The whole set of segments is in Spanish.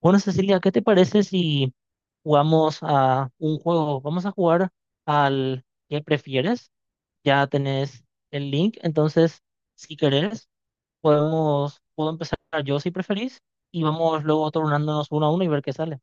Bueno, Cecilia, ¿qué te parece si jugamos a un juego? Vamos a jugar al que prefieres. Ya tenés el link, entonces, si querés, puedo empezar yo si preferís y vamos luego turnándonos uno a uno y ver qué sale.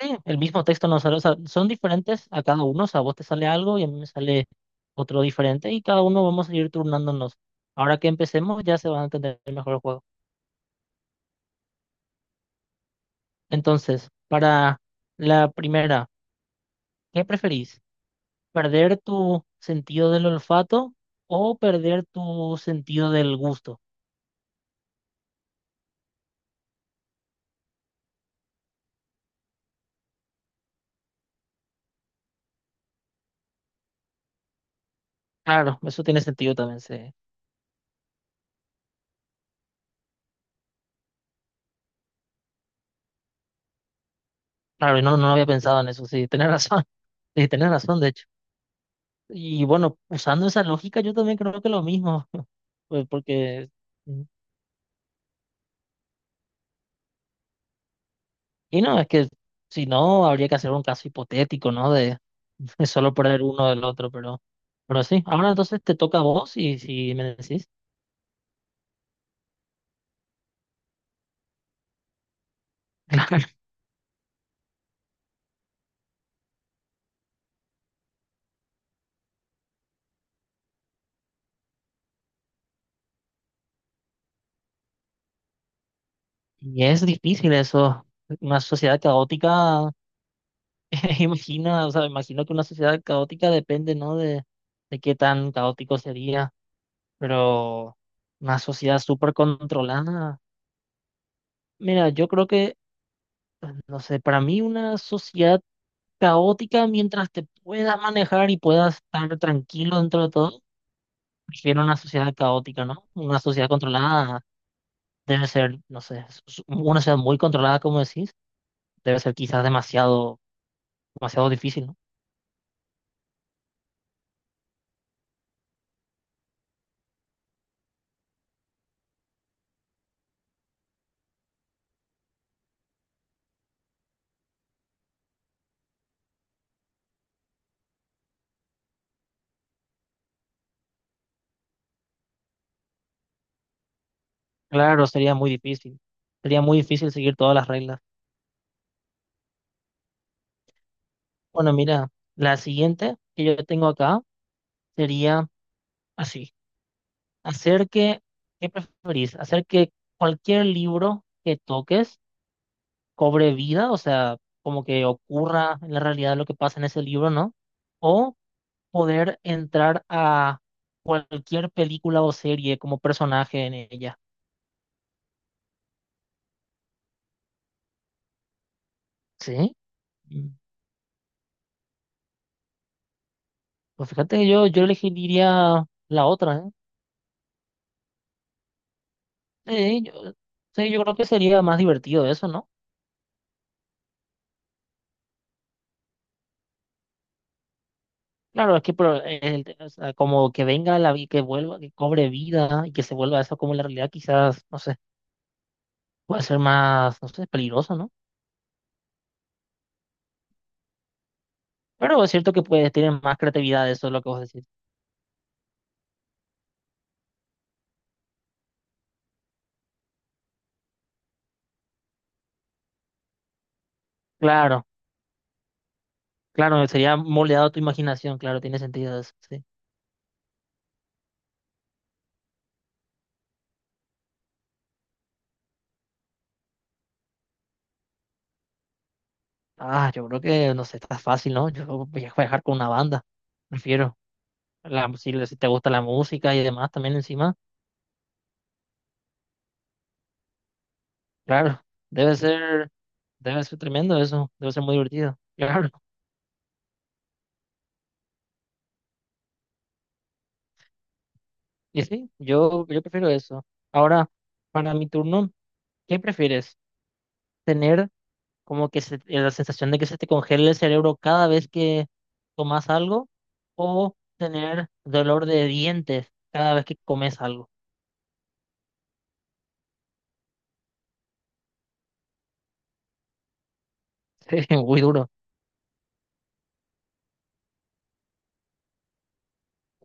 Sí, el mismo texto nos sale, o sea, son diferentes a cada uno, o sea, a vos te sale algo y a mí me sale otro diferente y cada uno vamos a ir turnándonos. Ahora que empecemos ya se va a entender mejor el juego. Entonces, para la primera, ¿qué preferís? ¿Perder tu sentido del olfato o perder tu sentido del gusto? Claro, eso tiene sentido también, sí. Claro, y no había pensado en eso, sí, tenés razón, sí, tenés razón, de hecho. Y bueno, usando esa lógica, yo también creo que lo mismo, pues porque, mm, y no, es que si no, habría que hacer un caso hipotético, ¿no? De, de solo perder uno del otro, pero sí, ahora entonces te toca a vos y si me decís. Claro. Y es difícil eso, una sociedad caótica. Imagina, o sea, imagino que una sociedad caótica depende, ¿no? De qué tan caótico sería, pero una sociedad súper controlada. Mira, yo creo que, no sé, para mí una sociedad caótica, mientras te puedas manejar y puedas estar tranquilo dentro de todo, prefiero una sociedad caótica, ¿no? Una sociedad controlada debe ser, no sé, una sociedad muy controlada, como decís, debe ser quizás demasiado, demasiado difícil, ¿no? Claro, sería muy difícil. Sería muy difícil seguir todas las reglas. Bueno, mira, la siguiente que yo tengo acá sería así, hacer que, ¿qué preferís? Hacer que cualquier libro que toques cobre vida, o sea, como que ocurra en la realidad lo que pasa en ese libro, ¿no? O poder entrar a cualquier película o serie como personaje en ella. Sí. Mm, pues fíjate que yo elegiría la otra, ¿eh? Sí, yo, sí, yo creo que sería más divertido eso, ¿no? Claro, es que pero, o sea, como que venga que vuelva, que cobre vida y que se vuelva eso como la realidad, quizás, no sé, puede ser más, no sé, peligroso, ¿no? Pero es cierto que puedes tener más creatividad, eso es lo que vos decís. Claro, claro, sería moldeado tu imaginación, claro, tiene sentido eso, sí. Ah, yo creo que, no sé, está fácil, ¿no? Yo voy a viajar con una banda, prefiero. La, si, si te gusta la música y demás también encima, claro, debe ser, debe ser tremendo eso, debe ser muy divertido. Claro. Y sí, yo prefiero eso. Ahora, para mi turno, ¿qué prefieres? ¿Tener como la sensación de que se te congela el cerebro cada vez que tomas algo? ¿O tener dolor de dientes cada vez que comes algo? Sí, muy duro.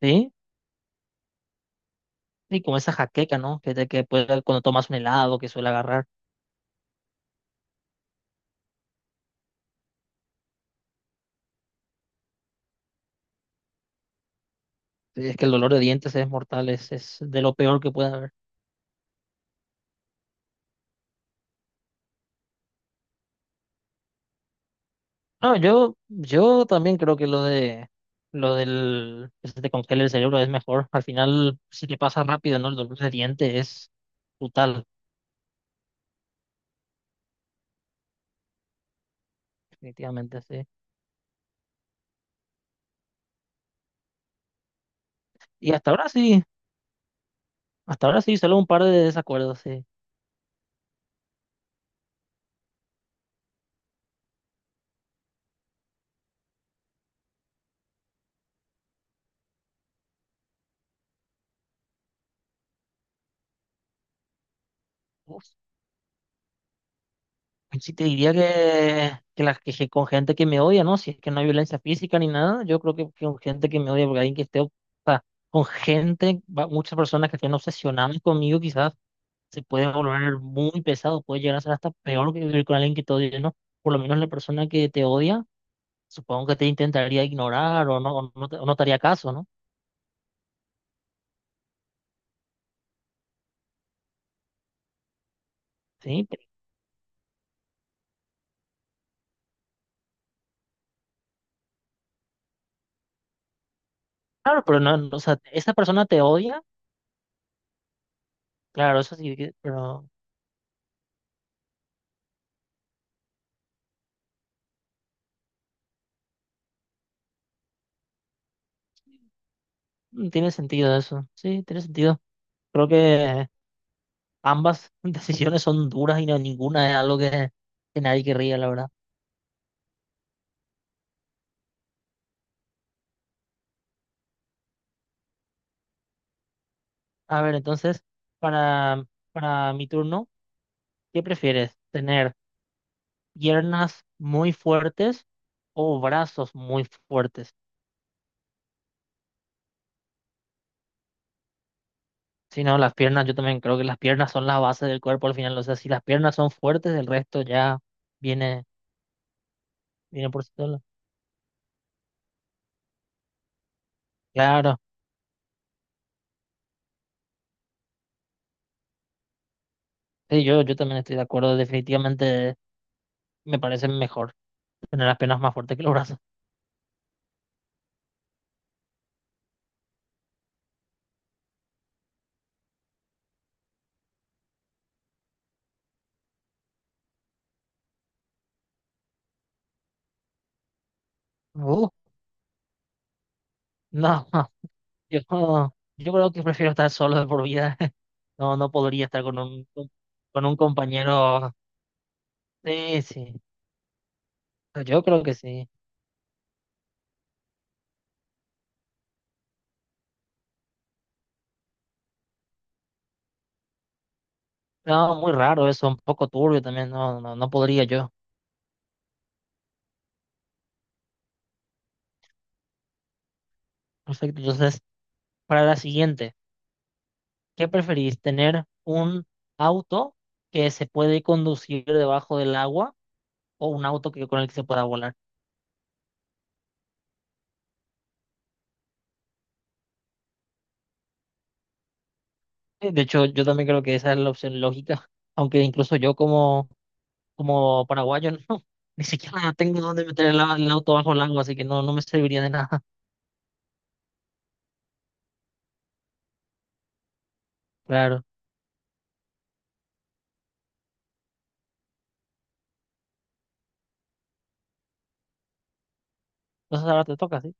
¿Sí? Sí, como esa jaqueca, ¿no? Que, que puede, cuando tomas un helado que suele agarrar. Sí, es que el dolor de dientes es mortal, es de lo peor que puede haber. No, yo también creo que lo de lo del que se te congela el cerebro es mejor. Al final, si te pasa rápido, ¿no? El dolor de diente es brutal, definitivamente, sí. Y hasta ahora sí, solo un par de desacuerdos, sí. Uf, pues sí te diría que las quejé con gente que me odia, ¿no? Si es que no hay violencia física ni nada, yo creo que con gente que me odia, porque alguien que esté, o sea, con gente, muchas personas que estén obsesionadas conmigo, quizás, se puede volver muy pesado, puede llegar a ser hasta peor que vivir con alguien que te odia, ¿no? Por lo menos la persona que te odia, supongo que te intentaría ignorar o no te haría caso, ¿no? Sí, pero, claro, pero no, no, o sea, esa persona te odia, claro, eso sí, pero tiene sentido eso, sí, tiene sentido. Creo que ambas decisiones son duras y no, ninguna es algo que nadie querría, la verdad. A ver, entonces, para, para mi turno, ¿qué prefieres? ¿Tener piernas muy fuertes o brazos muy fuertes? Si no, las piernas, yo también creo que las piernas son la base del cuerpo al final. O sea, si las piernas son fuertes, el resto ya viene, viene por sí solo. Claro, sí, yo también estoy de acuerdo. Definitivamente me parece mejor tener las piernas más fuertes que los brazos. Uh, no, yo, yo creo que prefiero estar solo de por vida. No, no podría estar con un compañero. Sí, yo creo que sí. No, muy raro eso, un poco turbio también, no, no, no podría yo. Perfecto, entonces, para la siguiente, ¿qué preferís? ¿Tener un auto que se puede conducir debajo del agua o un auto que, con el que se pueda volar? De hecho, yo también creo que esa es la opción lógica, aunque incluso yo como, como paraguayo, no, ni siquiera tengo dónde meter el auto bajo el agua, así que no, no me serviría de nada. Claro, entonces ahora te toca, ¿sí?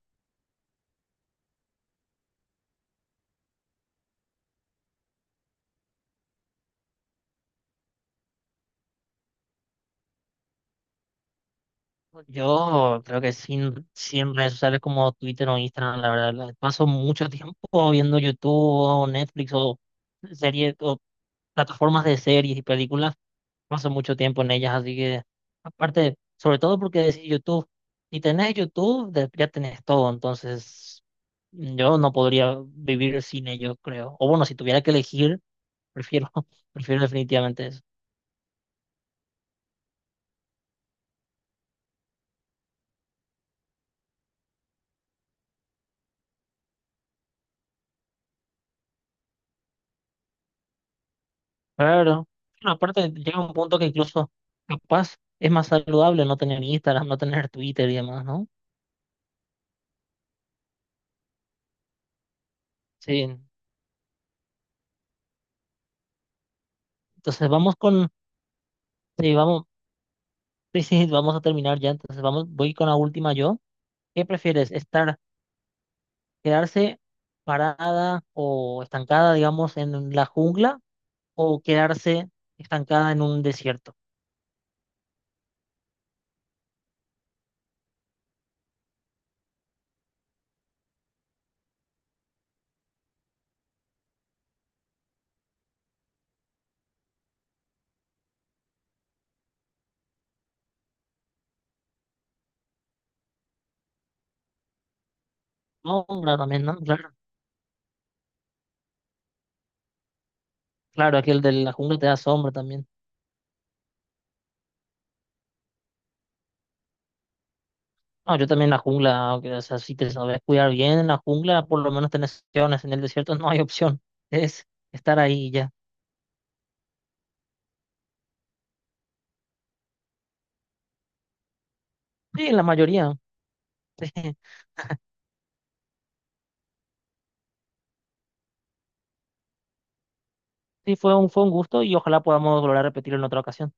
Yo creo que sin, sin redes sociales como Twitter o Instagram, la verdad, paso mucho tiempo viendo YouTube o Netflix o series o plataformas de series y películas, paso mucho tiempo en ellas, así que aparte, sobre todo porque decís YouTube, si tenés YouTube, ya tenés todo, entonces yo no podría vivir sin ello, creo. O bueno, si tuviera que elegir, prefiero, prefiero definitivamente eso. Claro. Bueno, aparte llega un punto que incluso capaz es más saludable no tener Instagram, no tener Twitter y demás, ¿no? Sí. Entonces vamos con, sí, vamos, sí, sí, vamos a terminar ya. Entonces vamos, voy con la última yo. ¿Qué prefieres? ¿Estar, quedarse parada o estancada, digamos, en la jungla o quedarse estancada en un desierto? Sombra también, ¿no? Claro, claro, aquel de la jungla te da sombra también. No, yo también en la jungla, aunque, o sea, si te sabes cuidar bien en la jungla, por lo menos tenés opciones. En el desierto no hay opción. Es estar ahí y ya. Sí, en la mayoría. Sí, fue un gusto y ojalá podamos volver a repetirlo en otra ocasión.